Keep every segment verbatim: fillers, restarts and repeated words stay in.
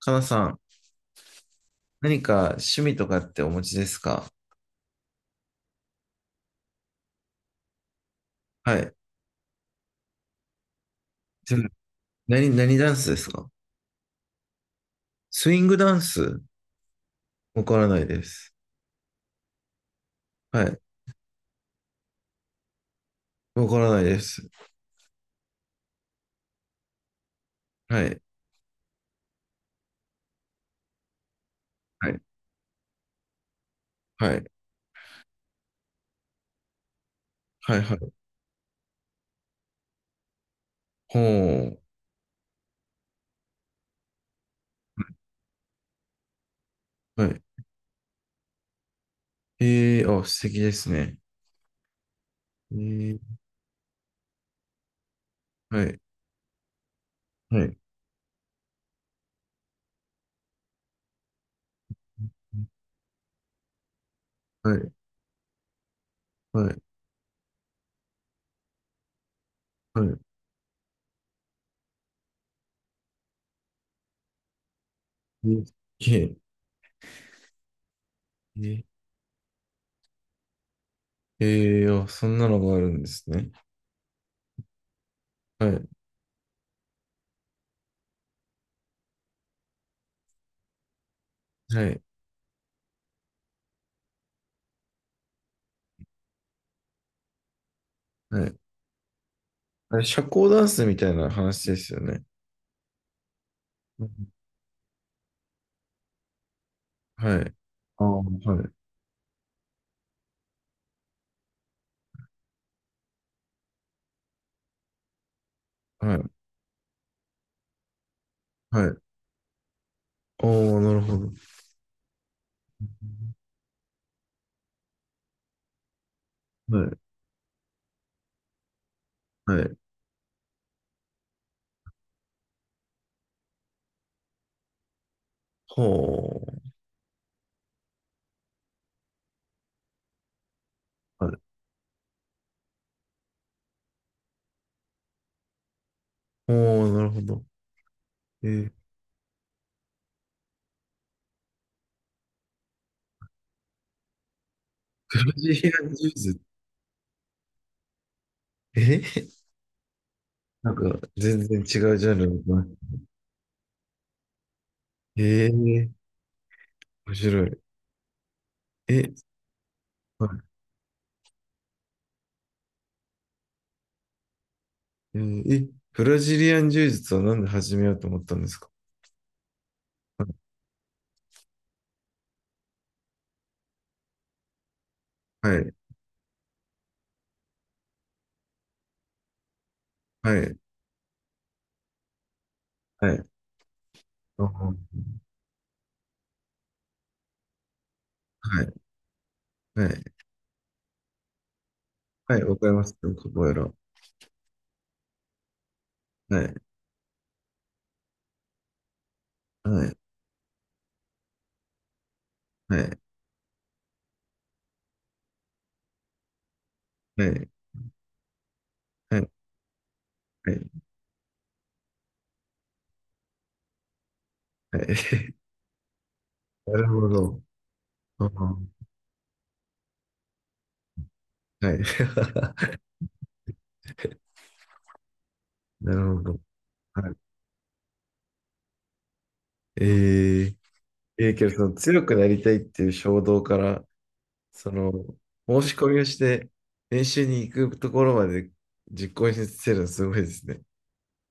かなさん、何か趣味とかってお持ちですか？はい。でも、何、何ダンスですか？スイングダンス。わからないです。はい。わからないです。はい。はい。はい。はい。はい。ほう。はい。ええー、あ、素敵ですね。えー、はい。はい。はい。はい。はい。えー、えー、えーあ、そんなのがあるんですね。はい。はい。はい。あれ、社交ダンスみたいな話ですよね。はい。ああ、はい。はい。はい。おあ、なるほど。はい。はい。ほう。はい。おう、なるほど。えー、クラシアンジューズ。えーなんか、全然違うジャンルだな。えー、面白い。え、はい。えーえブラジリアン柔術はなんで始めようと思ったんですか？はい。はい。はい。あはい。はい。はい。わかりますよ、カポエラ。はい。はい。はい。はい。はい。はい。はい なるほど。ああ、はい。なるほど。はい。えー、えー、けどその強くなりたいっていう衝動から、その、申し込みをして、練習に行くところまで実行に移せるのすごいですね。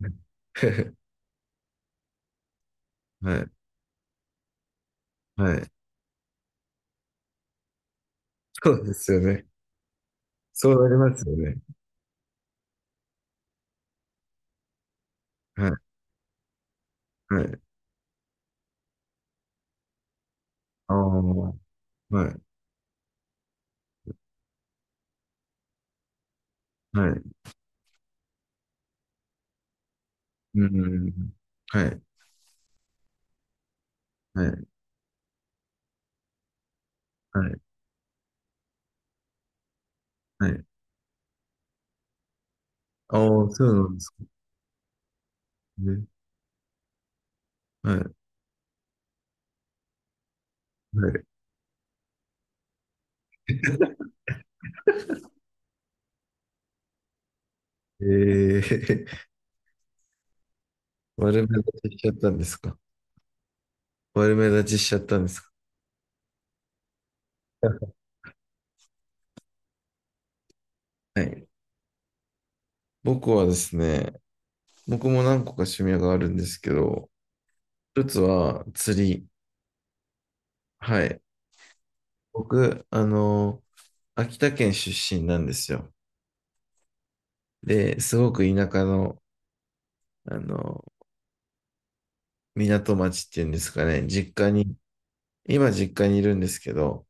はい。はい。そうですよね。そうなりますよね。はい。はい。ああ、はい。はい。うん。はい。はい。はい。はい。ああ、そうなんですね。はい。はい。ええー、丸め出ししちゃったんですか？悪目立ちしちゃったんですか？はい。僕はですね、僕も何個か趣味があるんですけど、一つは釣り。はい。僕、あの、秋田県出身なんですよ。で、すごく田舎の、あの、港町っていうんですかね、実家に、今実家にいるんですけど、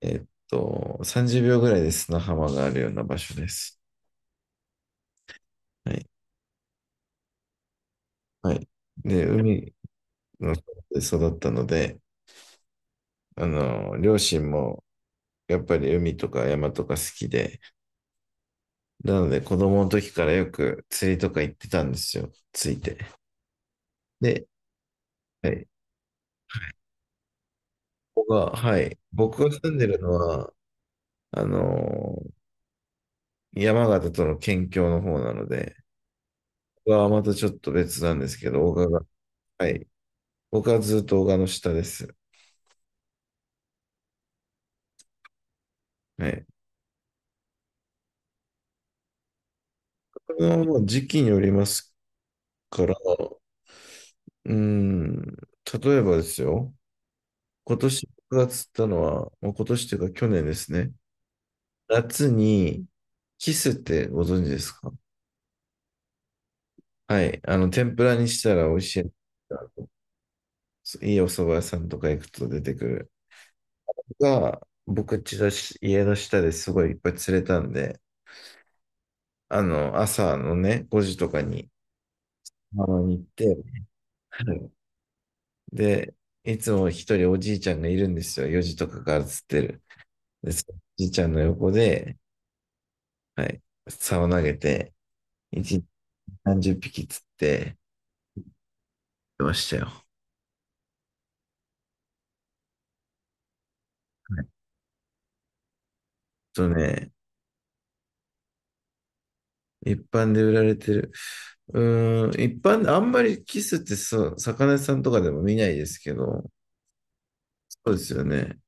えっと、さんじゅうびょうぐらいで砂浜があるような場所です。はい。はい。で、海の近くで育ったので、あの、両親も、やっぱり海とか山とか好きで、なので子供の時からよく釣りとか行ってたんですよ、ついて。で、はい、ここが、はい、僕が住んでるのは、あのー山形との県境の方なので、ここはまたちょっと別なんですけど、大賀が、はい、僕はずっと大賀の下です。はい。これはもう時期によりますから、うーん、例えばですよ、今年僕が釣ったのは、もう今年というか去年ですね、夏に、キスってご存知ですか？はい。あの、天ぷらにしたら美味しい。いいお蕎麦屋さんとか行くと出てくる。が、僕家のし家の下ですごいいっぱい釣れたんで、あの、朝のね、ごじとかに、浜に行って、はい。で、いつも一人おじいちゃんがいるんですよ。よじとかから釣ってる。で、そのおじいちゃんの横で、はい、竿を投げて、いちにちさんじゅっぴき釣ってましたよ。はい。あとね、一般で売られてる。うーん、一般、あんまりキスってそう、魚屋さんとかでも見ないですけど、そうですよね。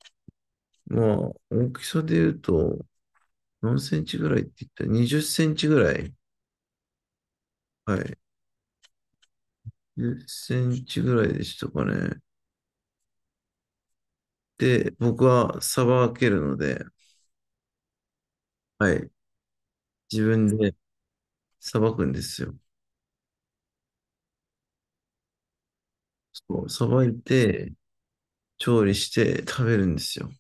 まあ、大きさで言うと、何センチぐらいって言ったら、にじっセンチぐらい。はい。じっセンチぐらいでしたかね。で、僕はさばけるので、はい。自分でさばくんですよ。そう、さばいて、調理して食べるんですよ。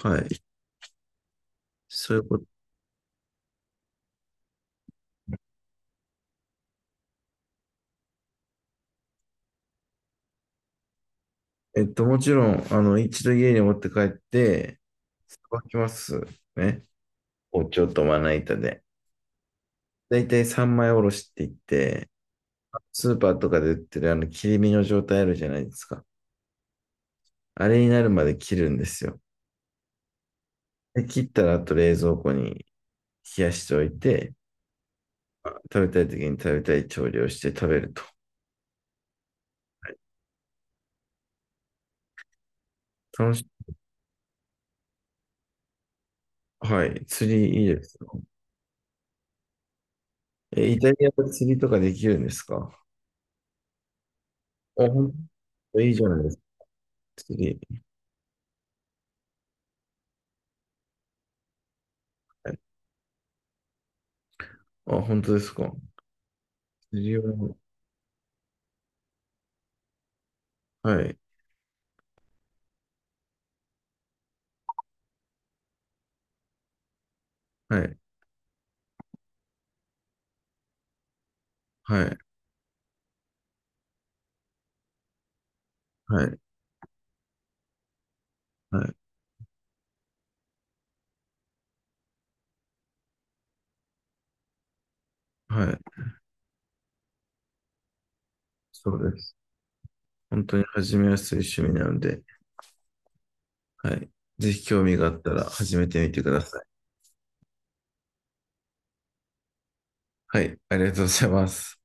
はい。そういうこと。えっと、もちろん、あの、一度家に持って帰って、さばきますね。包丁とまな板で。だいたい三枚おろしって言って、スーパーとかで売ってるあの切り身の状態あるじゃないですか。あれになるまで切るんですよ。で、切ったらあと冷蔵庫に冷やしておいて、食べたい時に食べたい調理をして食べると。楽しい。はい。釣りいいですよ。え、イタリアで釣りとかできるんですか？あ、ほんと、いいじゃないですか。釣り。はい。あ、本当ですか。釣りを、はい、はい、はい、はい、はい、はい。そうです。本当に始めやすい趣味なので、はい。ぜひ興味があったら始めてみてください。はい。ありがとうございます。